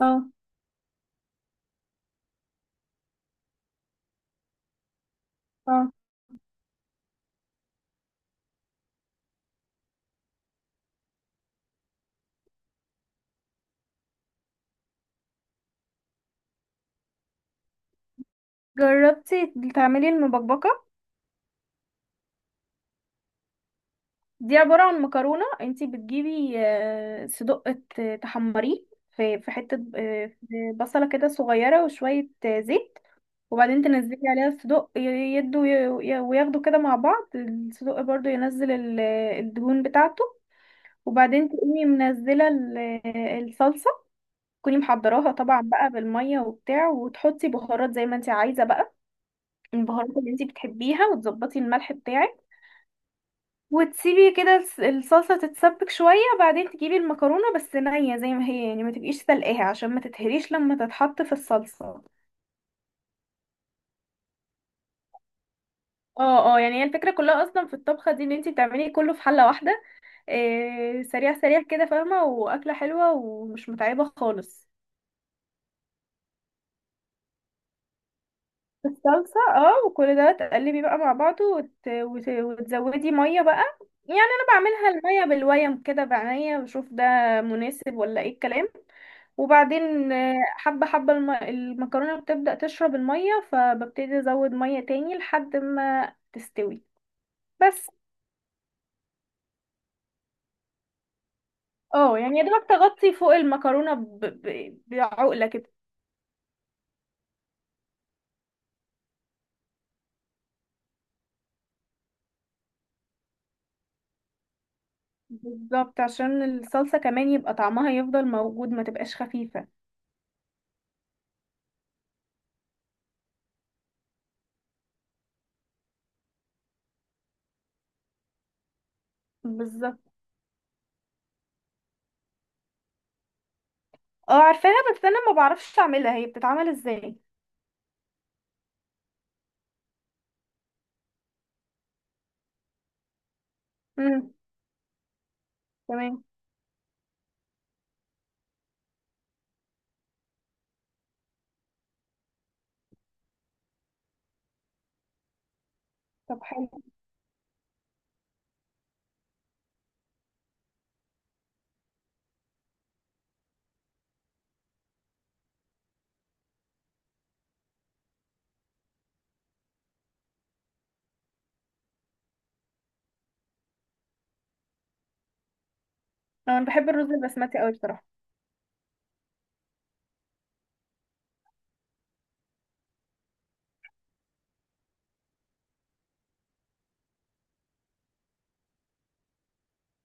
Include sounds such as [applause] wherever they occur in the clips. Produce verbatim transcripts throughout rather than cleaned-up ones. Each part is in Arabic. اه، اه. جربتي تعملي المبكبكة؟ دي عبارة عن مكرونة. انتي بتجيبي آه، صدق، ت- تحمريه في في حتة، آه، في بصلة كده صغيرة وشوية آه، زيت. وبعدين تنزلي عليها الصدق، ي- يدوا، ي- وياخدوا كده مع بعض. الصدق برضو ينزل ال- الدهون بتاعته. وبعدين تقومي منزلة ال- الصلصة، تكوني محضراها طبعا بقى بالمية وبتاع، وتحطي بهارات زي ما انتي عايزة بقى، البهارات اللي انتي بتحبيها، وتظبطي الملح بتاعك، وتسيبي كده الس- الصلصة تتسبك شوية. بعدين تجيبي المكرونة بس نية زي ما هي، يعني ما تبقيش سلقاها عشان ما تتهريش لما تتحط في الصلصة. اه، اه، يعني هي الفكرة كلها اصلا في الطبخة دي ان انتي بتعملي كله في حلة واحدة، إيه، سريع سريع كده، فاهمة؟ واكلة حلوة ومش متعبة خالص. الصلصة، اه، وكل ده تقلبي بقى مع بعضه، وت... وت... وتزودي مية بقى. يعني انا بعملها المية بالويم كده بعناية، بشوف ده مناسب ولا ايه الكلام. وبعدين آه، حبة حبة الم- المكرونة بتبدأ تشرب المية، فببتدي أزود مية تاني لحد ما تستوي بس. اه يعني يا دوبك تغطي فوق المكرونة ب... ب... بعقلة كده. بالظبط، عشان الصلصة كمان يبقى طعمها يفضل موجود، ما تبقاش خفيفة. بالظبط. اه عارفاها، بس انا ما بعرفش اعملها. هي بتتعمل ازاي؟ امم. تمام. طب حلو. اه انا بحب الرز البسمتي قوي بصراحة.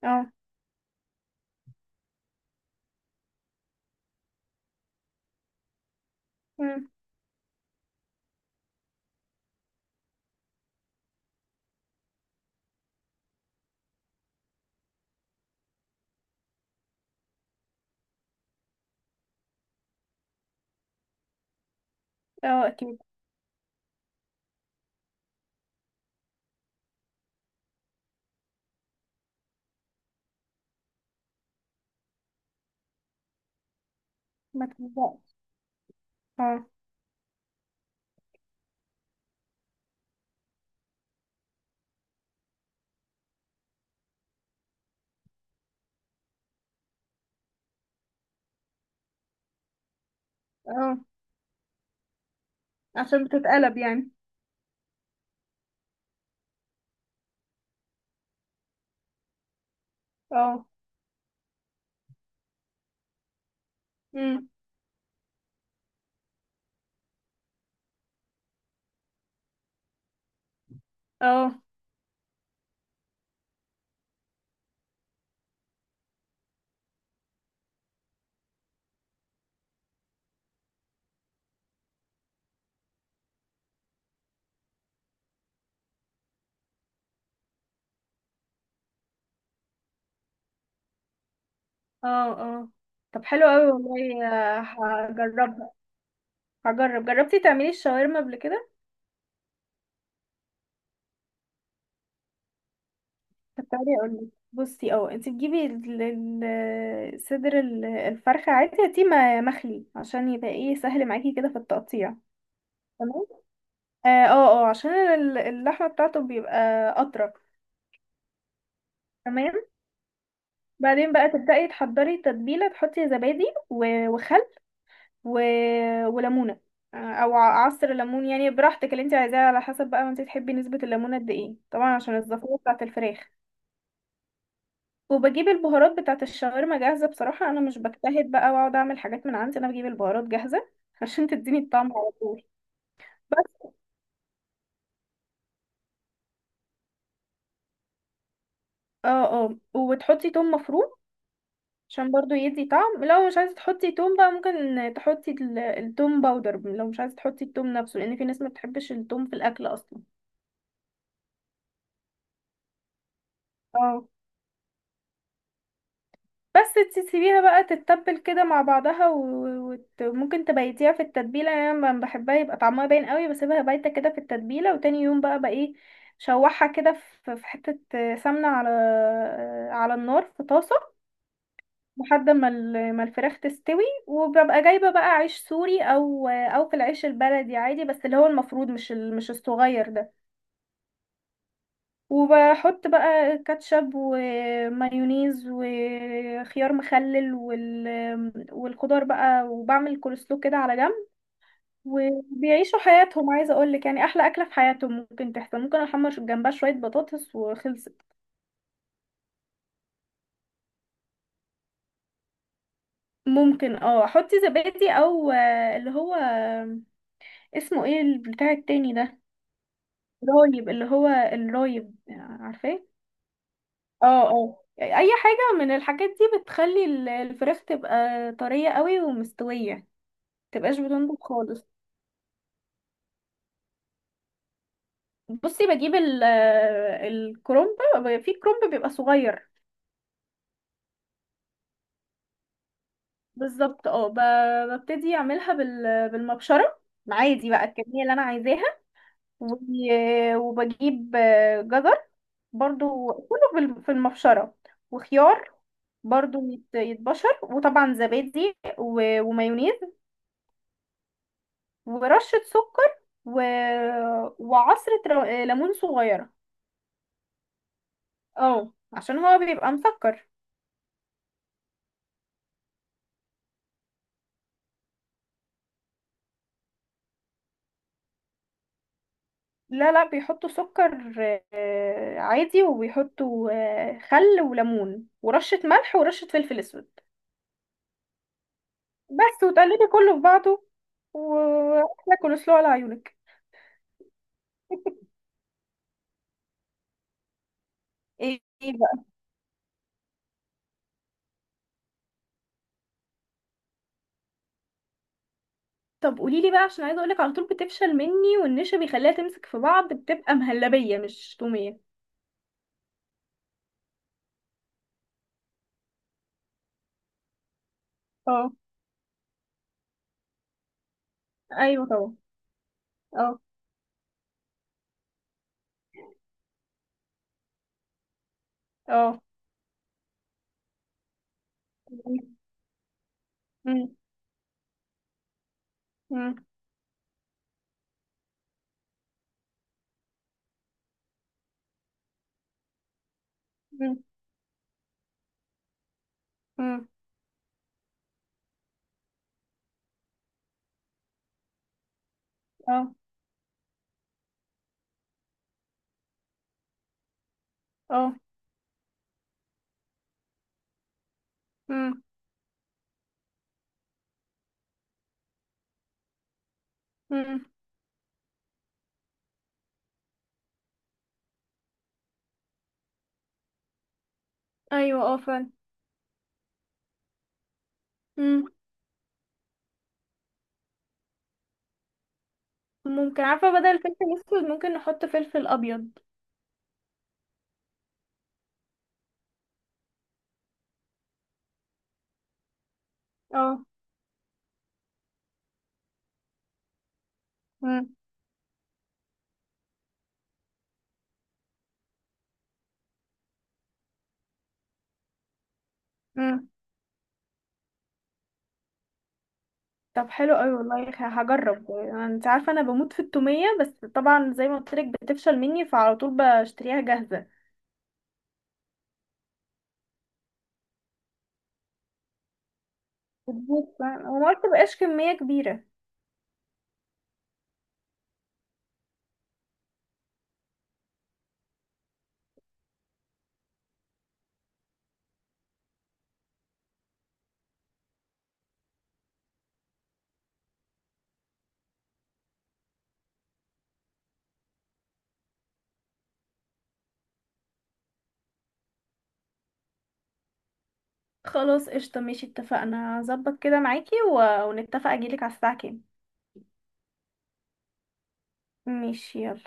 اه. امم. اه اكيد. ما تبدأش. اه، اه، عشان بتتقلب يعني. اه. امم. اه. اه. اه. طب حلو قوي والله. آه، هجربها، هجرب. جربتي تعملي الشاورما قبل كده؟ طب تعالي اقول لك. بصي، اه، انت تجيبي ال- ال- صدر، ال- الفرخه عادي، هاتيه م- مخلي عشان يبقى ايه، سهل معاكي كده في التقطيع. تمام. اه، اه، آه، عشان ال- اللحمه بتاعته بيبقى اطرى. تمام. بعدين بقى تبدأي تحضري التتبيله. تحطي زبادي، و- وخل، و... وليمونه، آه، او ع- عصر ليمون، يعني براحتك اللي انت عايزاه، على حسب بقى ما انت تحبي نسبه الليمون قد ايه، طبعا عشان الزفاره بتاعه الفراخ. وبجيب البهارات بتاعه الشاورما جاهزه، بصراحه انا مش بجتهد بقى واقعد اعمل حاجات من عندي، انا بجيب البهارات جاهزه [laughs] عشان تديني الطعم على طول. بس. اه، اه، وتحطي توم مفروم عشان برضو يدي طعم. لو مش عايزه تحطي توم بقى، ممكن تحطي ال- التوم باودر، لو مش عايزه تحطي التوم نفسه، لان في ناس ما بتحبش التوم في الاكل اصلا. اه. بس تسيبيها بقى تتبل كده مع بعضها، وممكن تبيتيها في التتبيلة. يعني انا لما بحبها يبقى طعمها باين قوي، بسيبها بايتة كده في التتبيلة، وتاني يوم بقى بقى ايه، شوحها كده في في حتة سمنة على على النار في طاسة لحد ما ال- ما الفراخ تستوي. وببقى جايبة بقى عيش سوري، او او في العيش البلدي عادي، بس اللي هو المفروض مش ال- مش الصغير ده. وبحط بقى كاتشب ومايونيز وخيار مخلل وال... والخضار بقى، وبعمل كولسلو كده على جنب. وبيعيشوا حياتهم. عايزه اقول لك يعني احلى اكله في حياتهم ممكن تحصل. ممكن احمر جنبها شويه بطاطس وخلصت. ممكن اه احط زبادي، او آه، اللي هو، آه، اسمه ايه البتاع التاني ده؟ رايب. اللي هو الرايب، عارفاه. اه، اه، اي حاجه من الحاجات دي بتخلي ال- الفراخ تبقى طريه قوي ومستويه، تبقاش بتنضج خالص. بصي، بجيب ال الكرومب، في كرومب بيبقى صغير. بالظبط، اه، ب- ببتدي اعملها بال بالمبشره، عادي بقى الكميه اللي انا عايزاها. و- وبجيب جزر برضو كله بال- في المبشره، وخيار برضو يت- يتبشر، وطبعا زبادي و- ومايونيز ورشه سكر، و... وعصرة رو- ليمون صغيره. اه عشان هو بيبقى مسكر. لا، لا، بيحطوا سكر آه، عادي، وبيحطوا آه، خل وليمون ورشة ملح ورشة فلفل اسود. بس، وتقلبي كله في بعضه، واحلى كولسلو على عيونك. ايه؟ إيه بقى؟ طب قولي لي بقى، عشان عايزه اقولك على طول بتفشل مني، والنشا بيخليها تمسك في بعض، بتبقى مهلبيه مش توميه. اه ايوه طبعا. اه، اه. مم، مم، مم، مم، اه، اه، مم. مم. ايوه اه فعلا. ممكن، عارفة بدل الفلفل الأسود ممكن نحط فلفل أبيض. اه. مم. مم. طب حلو أوي والله، ه- هجرب. يعني انت عارفة أنا بموت في التومية، بس طبعا زي ما قلتلك بتفشل مني، فعلى طول بشتريها جاهزة. بتبوظ فعلاً. وما تبقاش كمية كبيرة. خلاص قشطة، ماشي، اتفقنا. هظبط كده معاكي و... ونتفق أجيلك على الساعة كام. ماشي يلا.